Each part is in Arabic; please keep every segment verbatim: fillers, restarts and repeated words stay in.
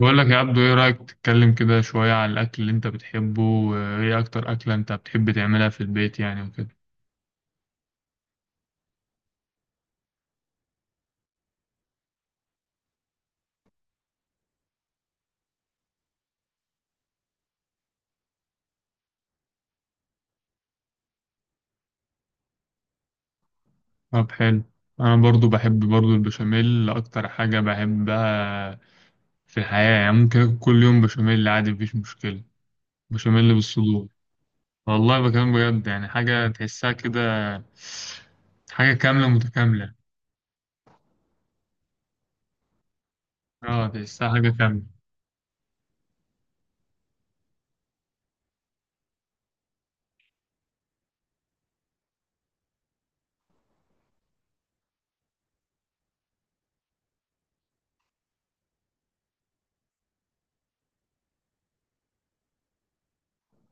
بقول لك يا عبدو، ايه رأيك تتكلم كده شوية عن الأكل اللي انت بتحبه، وايه أكتر أكلة انت بتحب تعملها في البيت يعني وكده؟ طب حلو. أنا برضو بحب برضو البشاميل، أكتر حاجة بحبها في الحياة يعني. ممكن آكل كل يوم بشاميل عادي، مفيش مشكلة. بشاميل بالصدور. والله بكلم بجد، يعني حاجة تحسها كده، حاجة كاملة متكاملة. اه تحسها حاجة كاملة.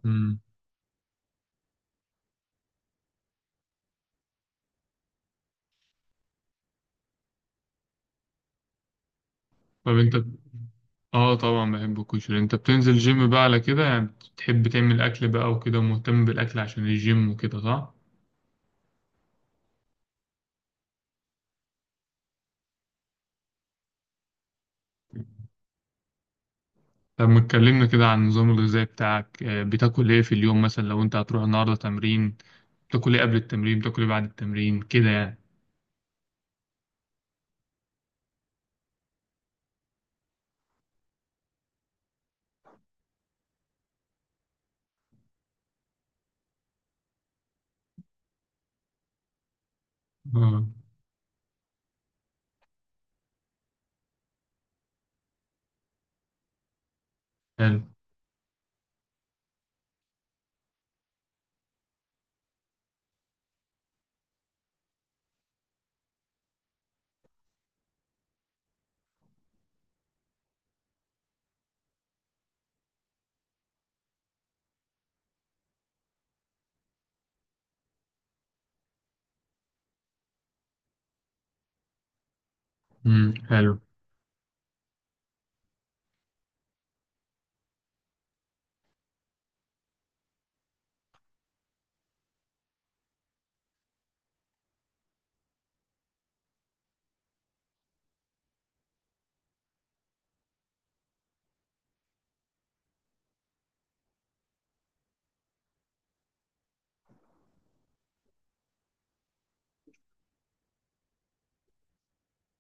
مم. طب انت، اه طبعا بحب الكشري. انت بتنزل جيم بقى على كده يعني، بتحب تعمل اكل بقى وكده، ومهتم بالاكل عشان الجيم وكده، صح؟ طب ما اتكلمنا كده عن النظام الغذائي بتاعك، آه، بتاكل ايه في اليوم مثلا لو انت هتروح النهارده تمرين؟ بتاكل ايه قبل التمرين، بتاكل ايه بعد التمرين كده يعني؟ اه حلو. امم حلو.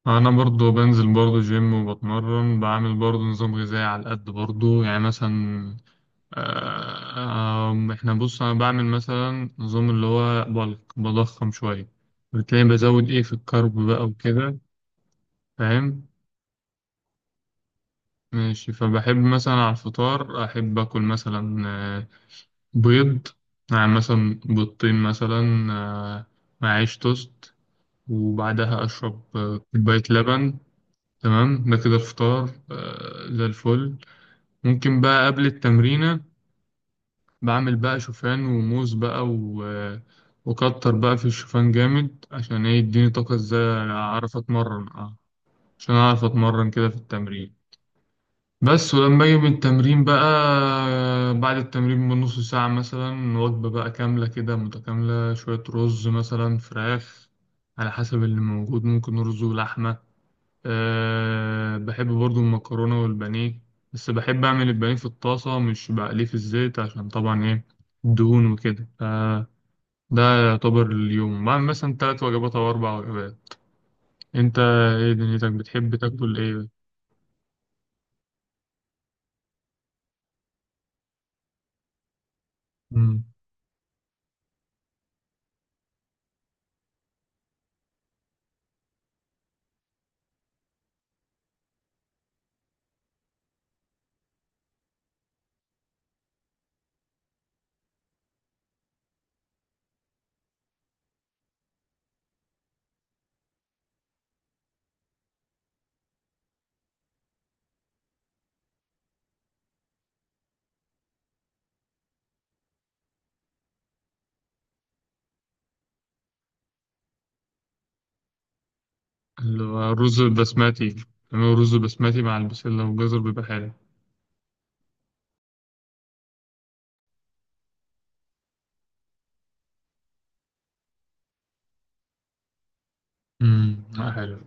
انا برضو بنزل برضو جيم وبتمرن، بعمل برضو نظام غذائي على قد برضو يعني مثلا. آه، آم، احنا بص انا بعمل مثلا نظام اللي هو بلك، بضخم شوية. بتلاقي بزود ايه في الكرب بقى وكده. فاهم. ماشي، فبحب مثلا على الفطار احب اكل مثلا آه، بيض، مع مثلا بيضتين مثلا، آه، مع عيش توست، وبعدها اشرب آه، كوباية لبن. تمام، ده كده الفطار آه، زي الفل. ممكن بقى قبل التمرينة بعمل بقى شوفان وموز بقى و وكتر بقى في الشوفان جامد، عشان ايه؟ يديني طاقة، ازاي اعرف اتمرن؟ اه، عشان اعرف اتمرن كده في التمرين. بس ولما اجي من التمرين بقى، بعد التمرين بنص ساعة مثلا، وجبة بقى كاملة كده متكاملة، شوية رز مثلا، فراخ، على حسب اللي موجود. ممكن رز ولحمة. أه بحب برضو المكرونة والبانيه. بس بحب أعمل البانيه في الطاسة، مش بقليه في الزيت، عشان طبعا إيه؟ الدهون وكده. فده يعتبر اليوم بعمل مثلا تلات وجبات أو أربع وجبات. أنت، إيه دنيتك بتحب تاكل إيه؟ مم. اللي هو الرز البسماتي، بيعملوا رز بسماتي مع البسلة والجزر بيبقى حلو. مم. آه، حلو.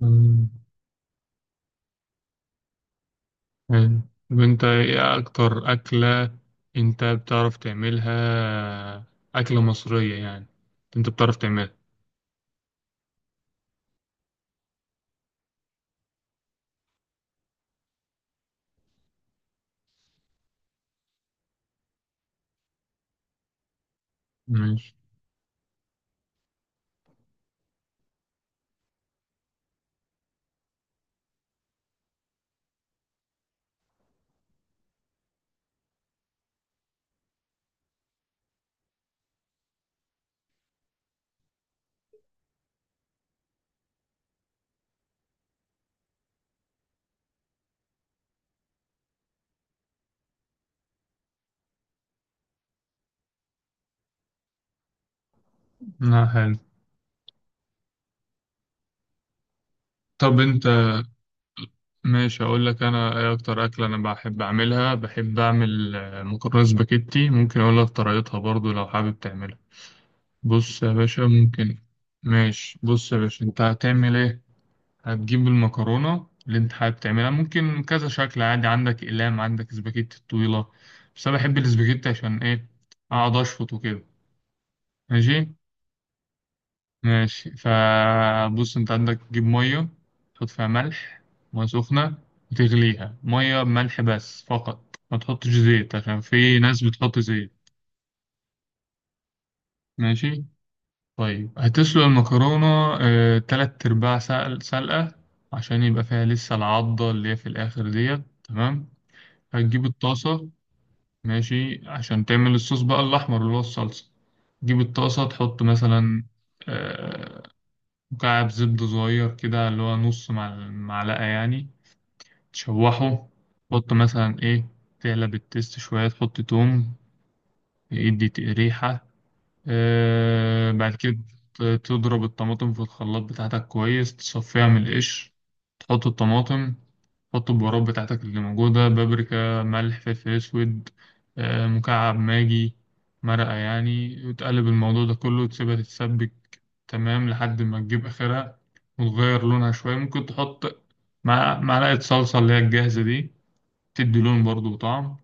مم. حلو. طب انت، ايه اكتر اكلة انت بتعرف تعملها؟ اكلة مصرية يعني، انت بتعرف تعملها؟ ماشي. لا حلو. طب انت. ماشي، اقول لك انا ايه اكتر اكلة انا بحب اعملها. بحب اعمل آه، مكرونة سباكيتي. ممكن اقول لك طريقتها برضو لو حابب تعملها. بص يا باشا، ممكن. ماشي، بص يا باشا، انت هتعمل ايه. هتجيب المكرونة اللي انت حابب تعملها، ممكن كذا شكل عادي، عندك أقلام، عندك سباجيتي الطويلة. بس أنا بحب السباجيتي، عشان إيه؟ أقعد أشفط وكده. ماشي. ماشي، فبص انت عندك تجيب مية، تحط فيها ملح، مية سخنة وتغليها، مية بملح بس فقط، ما تحطش زيت عشان في ناس بتحط زيت. ماشي. طيب، هتسلق المكرونة آه، تلات أرباع سلق- سلقة، عشان يبقى فيها لسه العضة اللي هي في الآخر ديت، تمام. هتجيب الطاسة. ماشي، عشان تعمل الصوص بقى الأحمر اللي هو الصلصة. تجيب الطاسة، تحط مثلا آه، مكعب زبدة صغير كده، اللي هو نص مع المعلقة يعني. تشوحه. تحط مثلا إيه، تعلب التست شوية، تحط توم، يدي ت- ريحة، آه، بعد كده. تضرب الطماطم في الخلاط بتاعتك كويس، تصفيها من القشر. تحط الطماطم. تحط البهارات بتاعتك اللي موجودة، بابريكا، ملح، فلفل أسود، آه، مكعب ماجي، مرقة يعني، وتقلب الموضوع ده كله وتسيبها تتسبك. تمام، لحد ما تجيب آخرها وتغير لونها شوية. ممكن تحط مع- معلقة صلصة اللي هي الجاهزة دي، تدي لون برضو وطعم.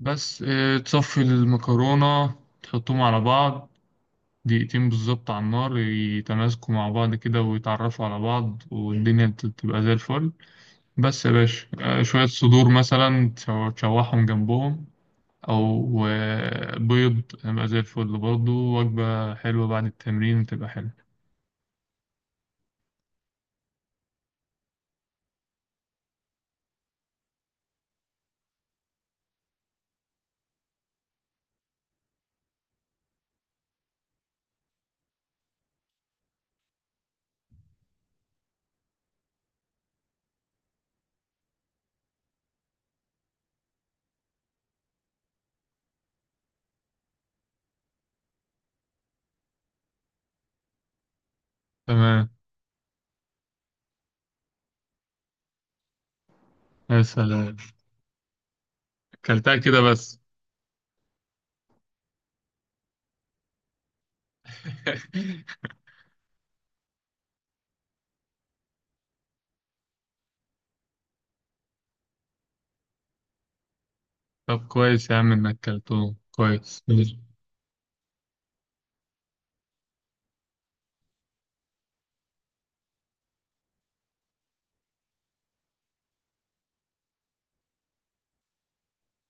بس آه، تصفي المكرونة، تحطهم على بعض دقيقتين بالظبط على النار، يتماسكوا مع بعض كده ويتعرفوا على بعض، والدنيا ت- تبقى زي الفل. بس يا باشا. آه، شوية صدور مثلا، تشو- تشوحهم جنبهم. أو آه، بيض، يبقى زي الفل برضه، وجبة حلوة بعد التمرين تبقى حلوة. تمام. يا سلام. كلتها كده بس؟ طب كويس يا عم إنك كلتهم كويس، ماشي.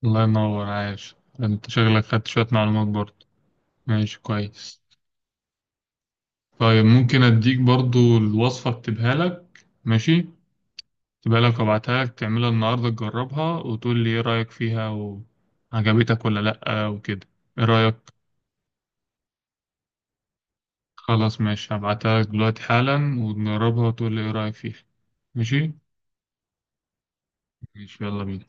الله ينور، عايش أنت شغلك، خدت شوية معلومات برضه. ماشي كويس. طيب ممكن أديك برضو الوصفة، أكتبها لك ماشي، أكتبها لك وأبعتها لك، تعملها النهاردة تجربها وتقول لي إيه رأيك فيها، وعجبتك ولا لأ وكده. إيه رأيك؟ خلاص ماشي، هبعتها لك دلوقتي حالا ونجربها وتقول لي إيه رأيك فيها، ماشي؟ ماشي، يلا بينا.